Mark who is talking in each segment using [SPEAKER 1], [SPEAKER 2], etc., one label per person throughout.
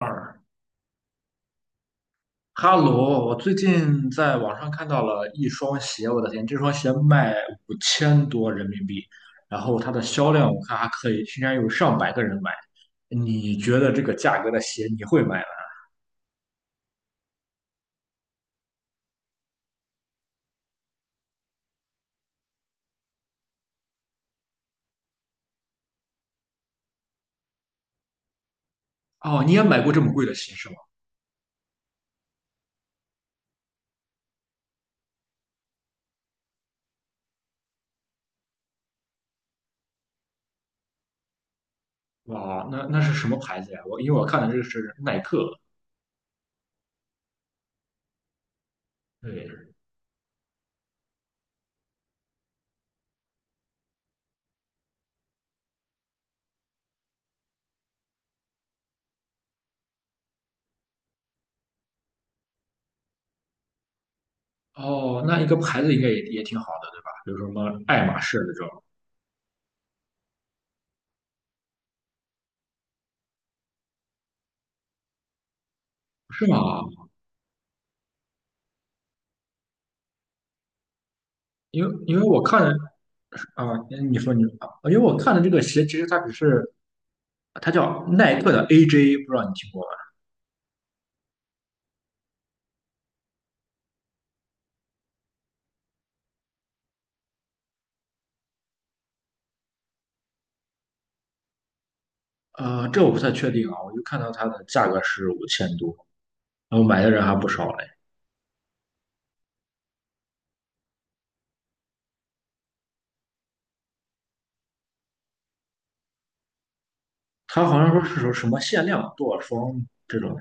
[SPEAKER 1] 二哈罗，我最近在网上看到了一双鞋，我的天，这双鞋卖5000多人民币，然后它的销量我看还可以，竟然有上百个人买。你觉得这个价格的鞋你会买吗？哦，你也买过这么贵的鞋是吗？哇，那是什么牌子呀？因为我看的这个是耐克。对，哦，那一个牌子应该也挺好的，对吧？比如说什么爱马仕这种，是吗？因为我看的啊，你说你啊，因为我看的这个鞋其实它只是。它叫耐克的 AJ,不知道你听过吗？这我不太确定啊，我就看到它的价格是五千多，然后买的人还不少嘞。它好像说是说什么限量多少双这种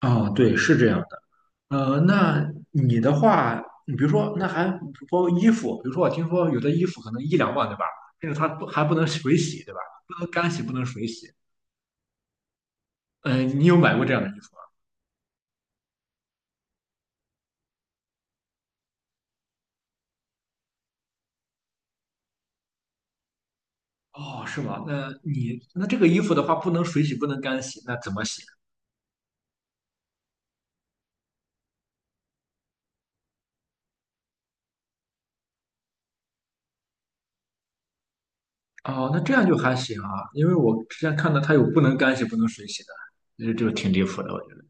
[SPEAKER 1] 啊，对，是这样的。那你的话，你比如说，那还包括衣服，比如说我听说有的衣服可能一两万，对吧？甚至它不还不能水洗，对吧？不能干洗，不能水洗。嗯,你有买过这样的衣服吗？哦，是吗？那你那这个衣服的话，不能水洗，不能干洗，那怎么洗？哦，那这样就还行啊，因为我之前看到它有不能干洗、不能水洗的，那就挺离谱的，我觉得。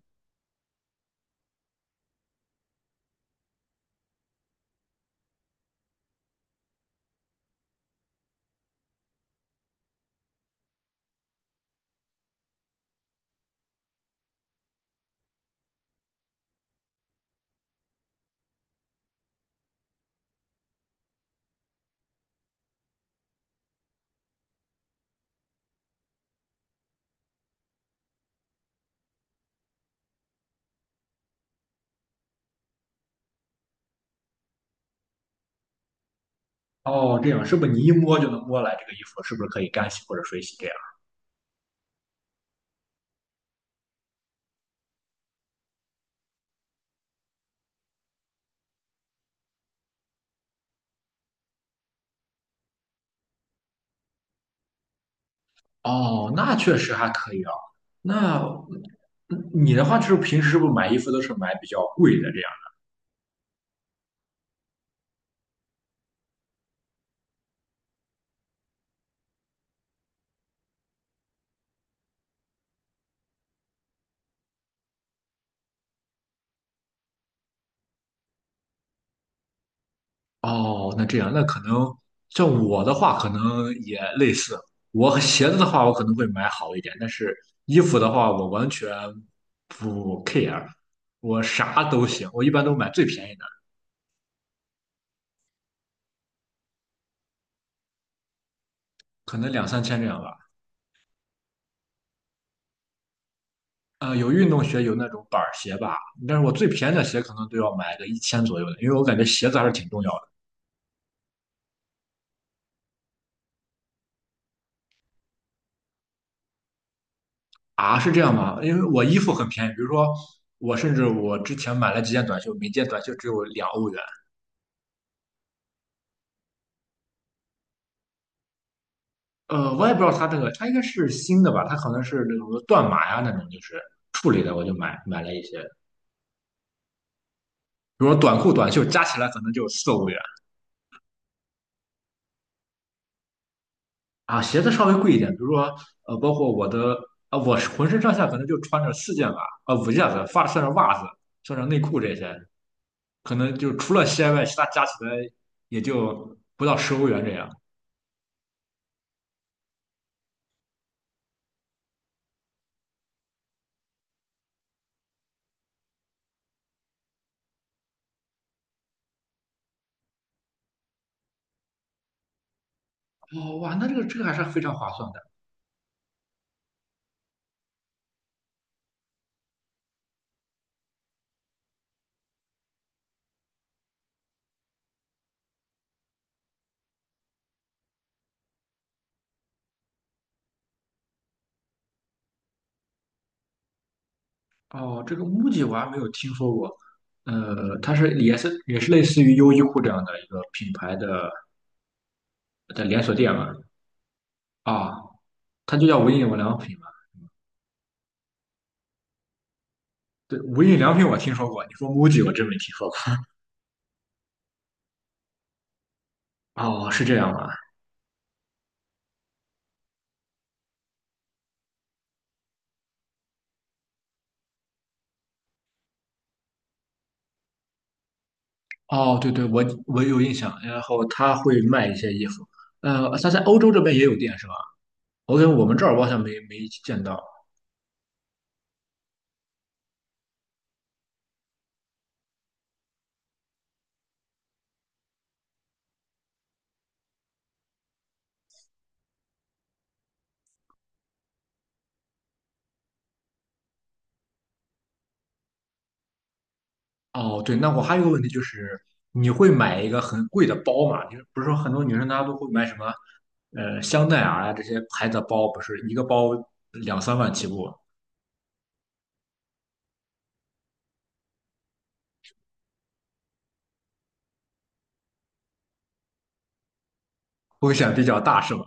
[SPEAKER 1] 哦，这样是不是你一摸就能摸来这个衣服是不是可以干洗或者水洗这样？哦，那确实还可以啊。那你的话就是平时是不是买衣服都是买比较贵的这样？哦，那这样那可能像我的话可能也类似，我和鞋子的话我可能会买好一点，但是衣服的话我完全不 care,我啥都行，我一般都买最便宜的。可能两三千这样吧。有运动鞋，有那种板儿鞋吧，但是我最便宜的鞋可能都要买个1000左右的，因为我感觉鞋子还是挺重要的啊。是这样吗？因为我衣服很便宜，比如说我甚至我之前买了几件短袖，每件短袖只有2欧元。我也不知道它这个，它应该是新的吧？它可能是那种断码呀那种，就是处理的，我就买了一些，比如说短裤、短袖加起来可能就4欧元。啊，鞋子稍微贵一点，比如说包括我的啊，我是浑身上下可能就穿着4件吧，啊五件子，发算上袜子，算上内裤这些，可能就除了鞋外，其他加起来也就不到10欧元这样。哦，哇，那这个还是非常划算的。哦，这个 MUJI 我还没有听说过，它是也是类似于优衣库这样的一个品牌的连锁店嘛？啊，它就叫无印良品嘛？对，无印良品我听说过，你说 MUJI 我真没听说过。哦，是这样吗？哦，对对，我有印象。然后他会卖一些衣服，他在欧洲这边也有店是吧？我感觉我们这儿我好像没见到。哦，对，那我还有个问题就是，你会买一个很贵的包吗？就是不是说很多女生她都会买什么，香奈儿啊这些牌子的包，不是一个包两三万起步，风险比较大是吧？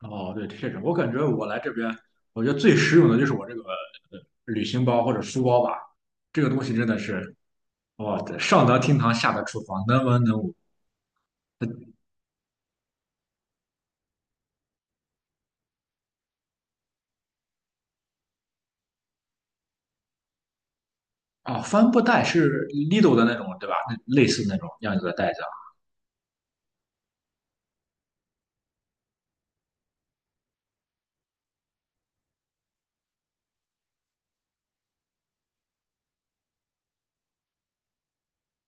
[SPEAKER 1] 哦，对，确实，我感觉我来这边，我觉得最实用的就是我这个旅行包或者书包吧，这个东西真的是。哦，对，上得厅堂，下得厨房，能文能武。哦，帆布袋是 Lidl 的那种，对吧？那类似那种样子的袋子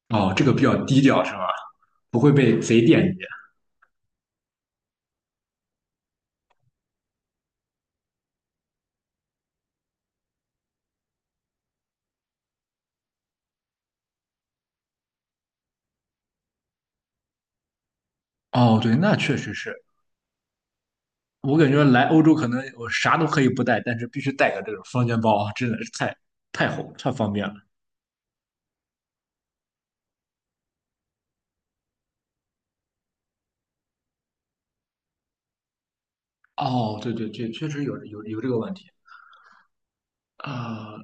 [SPEAKER 1] 啊。哦，这个比较低调是吧？不会被贼惦记。哦，对，那确实是。我感觉来欧洲可能我啥都可以不带，但是必须带个这种双肩包啊，真的是太好太方便了。哦，对对对，确实有这个问题。啊、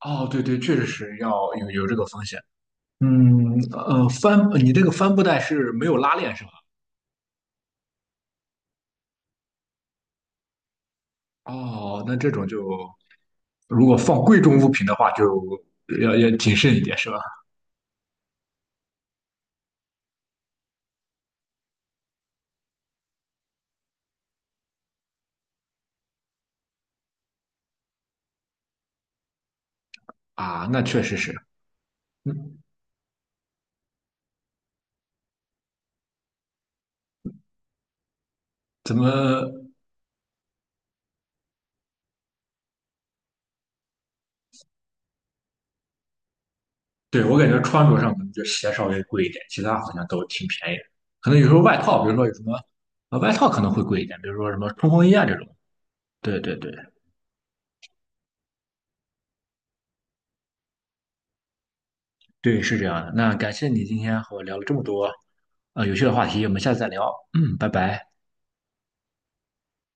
[SPEAKER 1] 哦，对对，确实是要有这个风险。嗯，你这个帆布袋是没有拉链是吧？哦，那这种就如果放贵重物品的话，就要谨慎一点，是吧？啊，那确实是。嗯，怎么？对我感觉穿着上可能就鞋稍微贵一点，其他好像都挺便宜的。可能有时候外套，比如说有什么外套可能会贵一点，比如说什么冲锋衣啊这种。对对对对，是这样的。那感谢你今天和我聊了这么多有趣的话题，我们下次再聊。嗯，拜拜。